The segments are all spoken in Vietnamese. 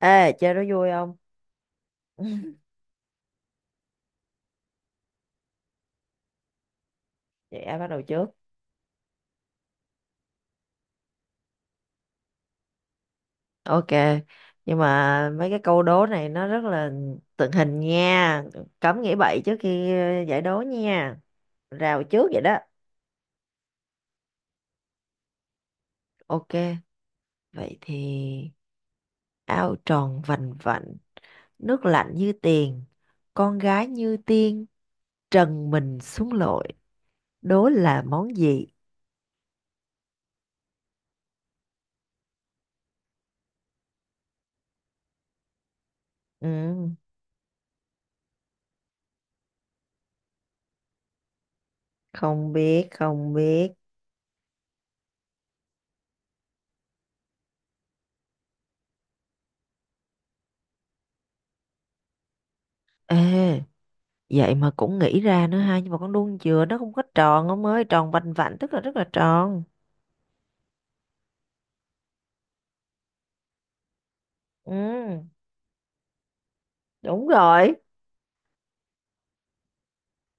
Ê, chơi đó vui không? Vậy ai bắt đầu trước? Ok, nhưng mà mấy cái câu đố này nó rất là tượng hình nha. Cấm nghĩ bậy trước khi giải đố nha. Rào trước vậy đó. Ok, vậy thì ao tròn vành vạnh, nước lạnh như tiền, con gái như tiên, trần mình xuống lội, đố là món gì? Ừ, không biết, không biết. Ê, vậy mà cũng nghĩ ra nữa ha, nhưng mà con đuông dừa nó không có tròn ông ơi, tròn vành vạnh tức là rất là tròn. Ừ, đúng rồi,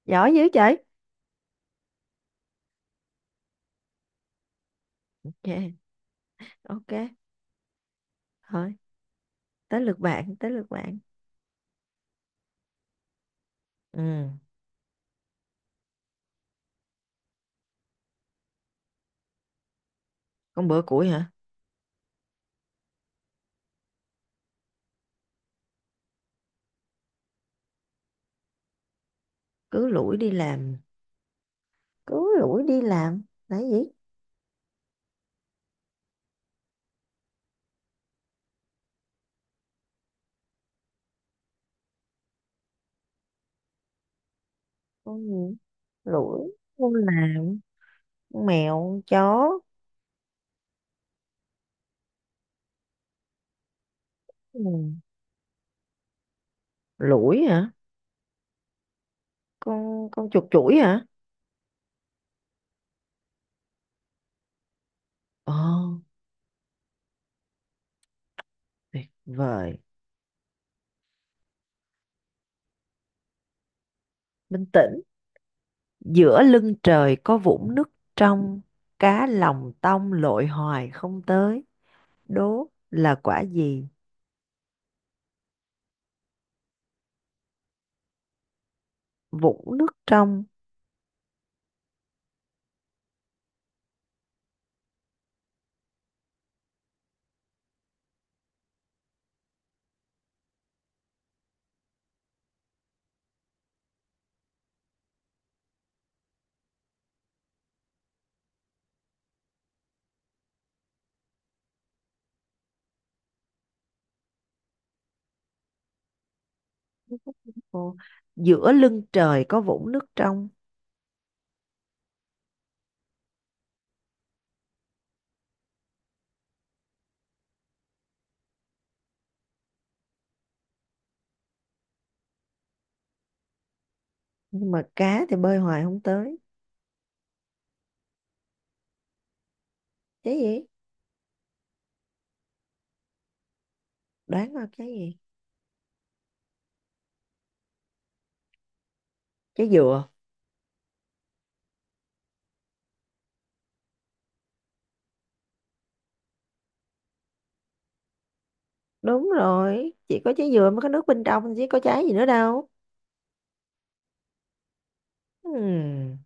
giỏi dữ vậy. Ok, ok, thôi, tới lượt bạn. Ừ, con bữa củi hả? Cứ lủi đi làm, cứ lủi đi làm là cái gì? Con gì? Lủi, con làm, con mèo, con chó. Ừ. Lủi hả? Con chuột chuỗi hả? Ồ, tuyệt vời. Bình tĩnh. Giữa lưng trời có vũng nước trong, cá lòng tông lội hoài không tới. Đố là quả gì? Vũng nước trong. Ồ, giữa lưng trời có vũng nước trong, nhưng mà cá thì bơi hoài không tới. Trái gì? Đoán coi trái gì? Trái dừa. Đúng rồi, chỉ có trái dừa mới có nước bên trong, chứ có trái gì nữa đâu. Hmm,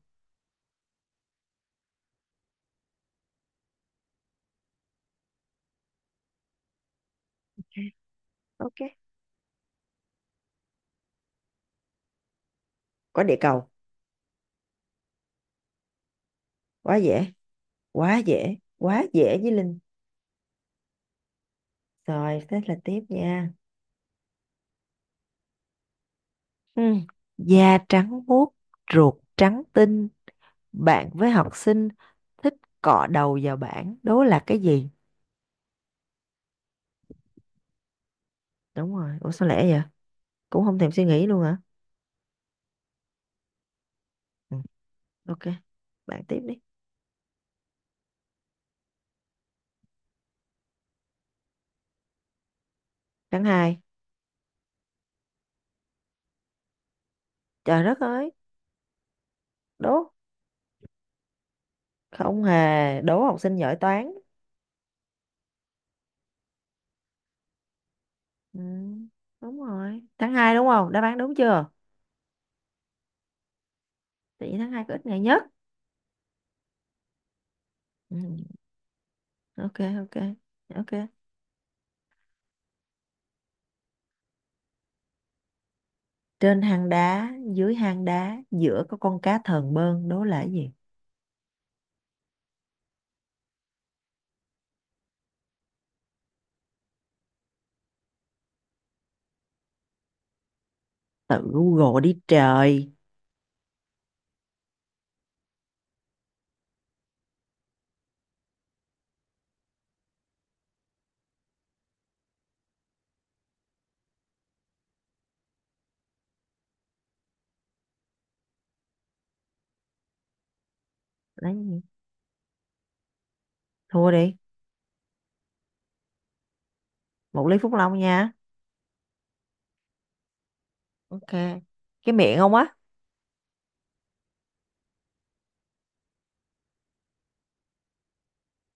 ok. Quả địa cầu. Quá dễ, quá dễ, quá dễ với Linh. Rồi, thế là tiếp nha. Ừ. Da trắng muốt, ruột trắng tinh, bạn với học sinh thích cọ đầu vào bảng, đố là cái gì? Đúng rồi, ủa sao lẽ vậy? Cũng không thèm suy nghĩ luôn hả? Ừ. Ok, bạn tiếp đi. Tháng hai. Trời đất ơi, đố, không hề, đố học sinh giỏi toán. Ừ. Đúng rồi, tháng 2 đúng không? Đáp án đúng chưa? Tại vì tháng 2 có ít ngày nhất. Ừ. Ok, ok, ok. Trên hang đá, dưới hang đá, giữa có con cá thờn bơn, đố là cái gì? Tự Google đi trời. Đấy, thua đi, một ly Phúc Long nha. Ok, cái miệng không á.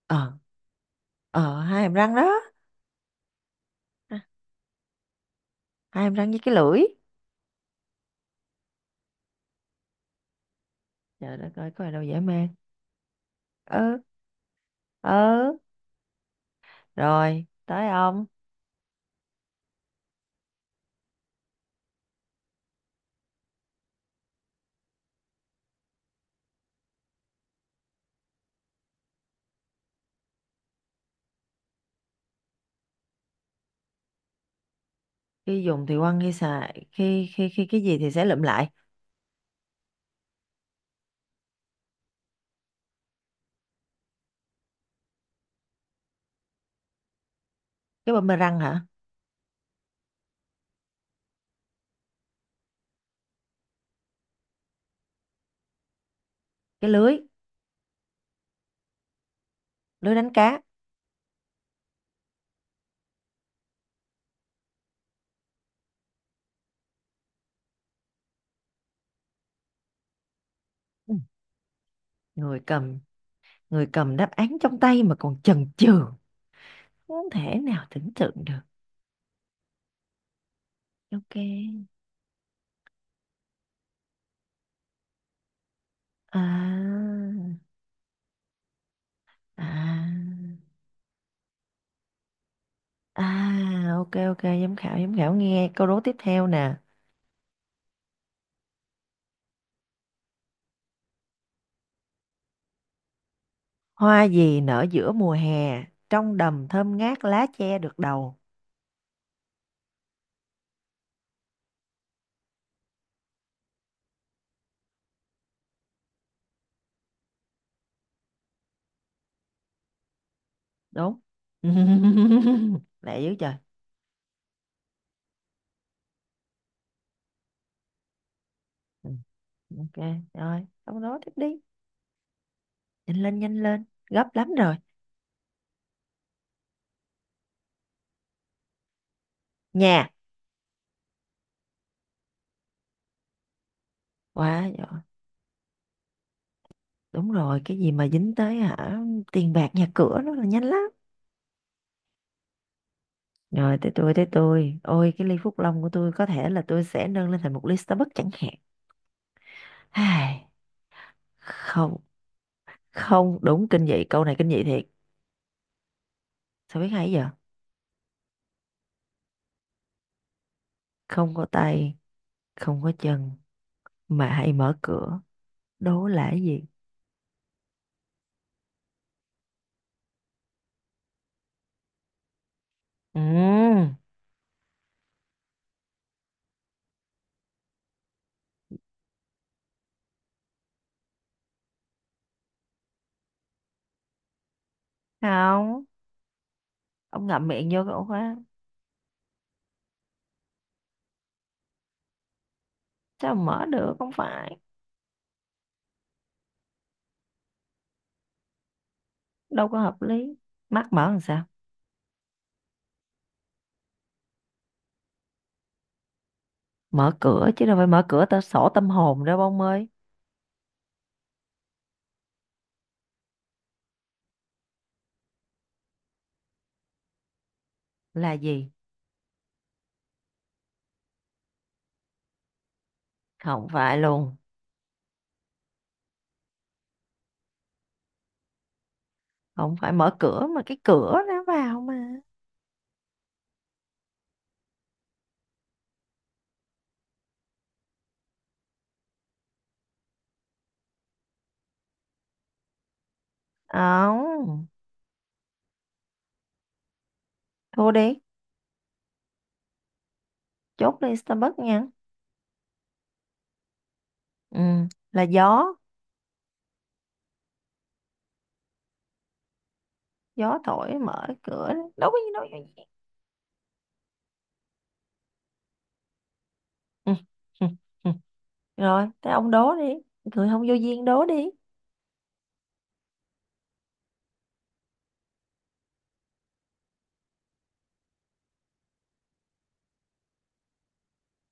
Ờ, ờ, hai hàm răng đó. Ha, hai hàm răng với cái lưỡi. Trời đất ơi, có ai đâu dễ mê. Ừ, ừ, rồi tới ông. Khi dùng thì quăng, khi xài khi khi khi cái gì thì sẽ lụm lại? Cái răng hả? Cái lưới, lưới đánh cá. Ừ, người cầm người cầm đáp án trong tay mà còn chần chừ, không thể nào tưởng tượng được. Ok, à, à. À, ok, ok, giám khảo, giám khảo nghe câu đố tiếp theo nè. Hoa gì nở giữa mùa hè, trong đầm thơm ngát lá che được đầu. Đúng. Lẹ dữ trời. Ừ, ok, rồi, câu đố tiếp đi. Nhanh lên, nhanh lên, gấp lắm rồi. Nhà. Quá giỏi. Đúng rồi, cái gì mà dính tới hả, tiền bạc nhà cửa nó là nhanh lắm. Rồi tới tôi. Ôi cái ly Phúc Long của tôi có thể là tôi sẽ nâng lên thành một ly Starbucks chẳng hạn. Ai, không, không đúng, kinh dị, câu này kinh dị thiệt, sao biết hay giờ. Không có tay, không có chân mà hay mở cửa, đố là cái gì? Ừ, không, ông ngậm miệng vô cái ổ khóa sao mà mở được, không phải, đâu có hợp lý, mắt mở làm sao mở cửa, chứ đâu phải mở cửa ta sổ tâm hồn đâu ông ơi. Là gì? Không phải luôn, không phải mở cửa mà cái cửa nó vào mà. Không, thua đi, chốt đi Starbucks nha. Ừ, là gió, gió thổi mở cửa đấy. Đố cái gì? Đố cái gì? Ừ. Ừ. Ừ. Rồi tới ông đố đi, người không vô duyên đố đi.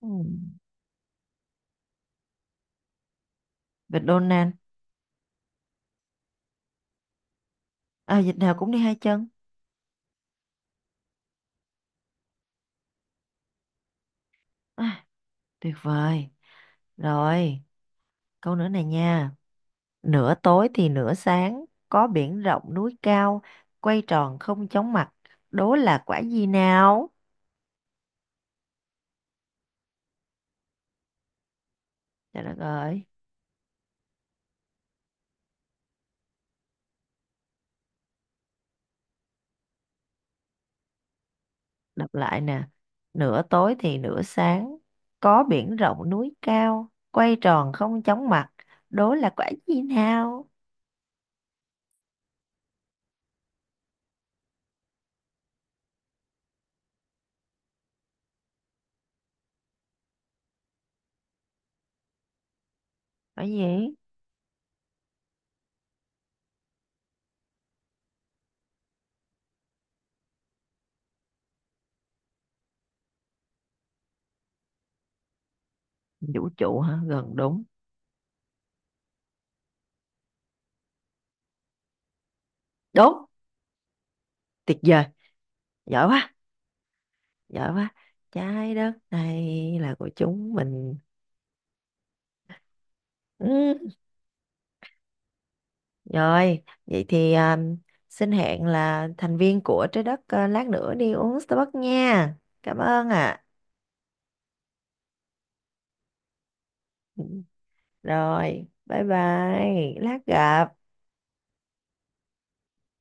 Ừ. Vịt Donald. À, vịt nào cũng đi hai chân. À, tuyệt vời. Rồi, câu nữa này nha. Nửa tối thì nửa sáng, có biển rộng núi cao, quay tròn không chóng mặt, đố là quả gì nào? Trời đất ơi. Đọc lại nè. Nửa tối thì nửa sáng, có biển rộng núi cao, quay tròn không chóng mặt, đố là quả gì nào? Quả gì? Vũ trụ hả? Gần đúng. Đúng, tuyệt vời. Giỏi quá, giỏi quá. Trái đất này là của chúng mình. Ừ. Rồi, vậy thì xin hẹn là thành viên của trái đất lát nữa đi uống Starbucks nha. Cảm ơn ạ. Ừ. Rồi, bye bye, lát gặp.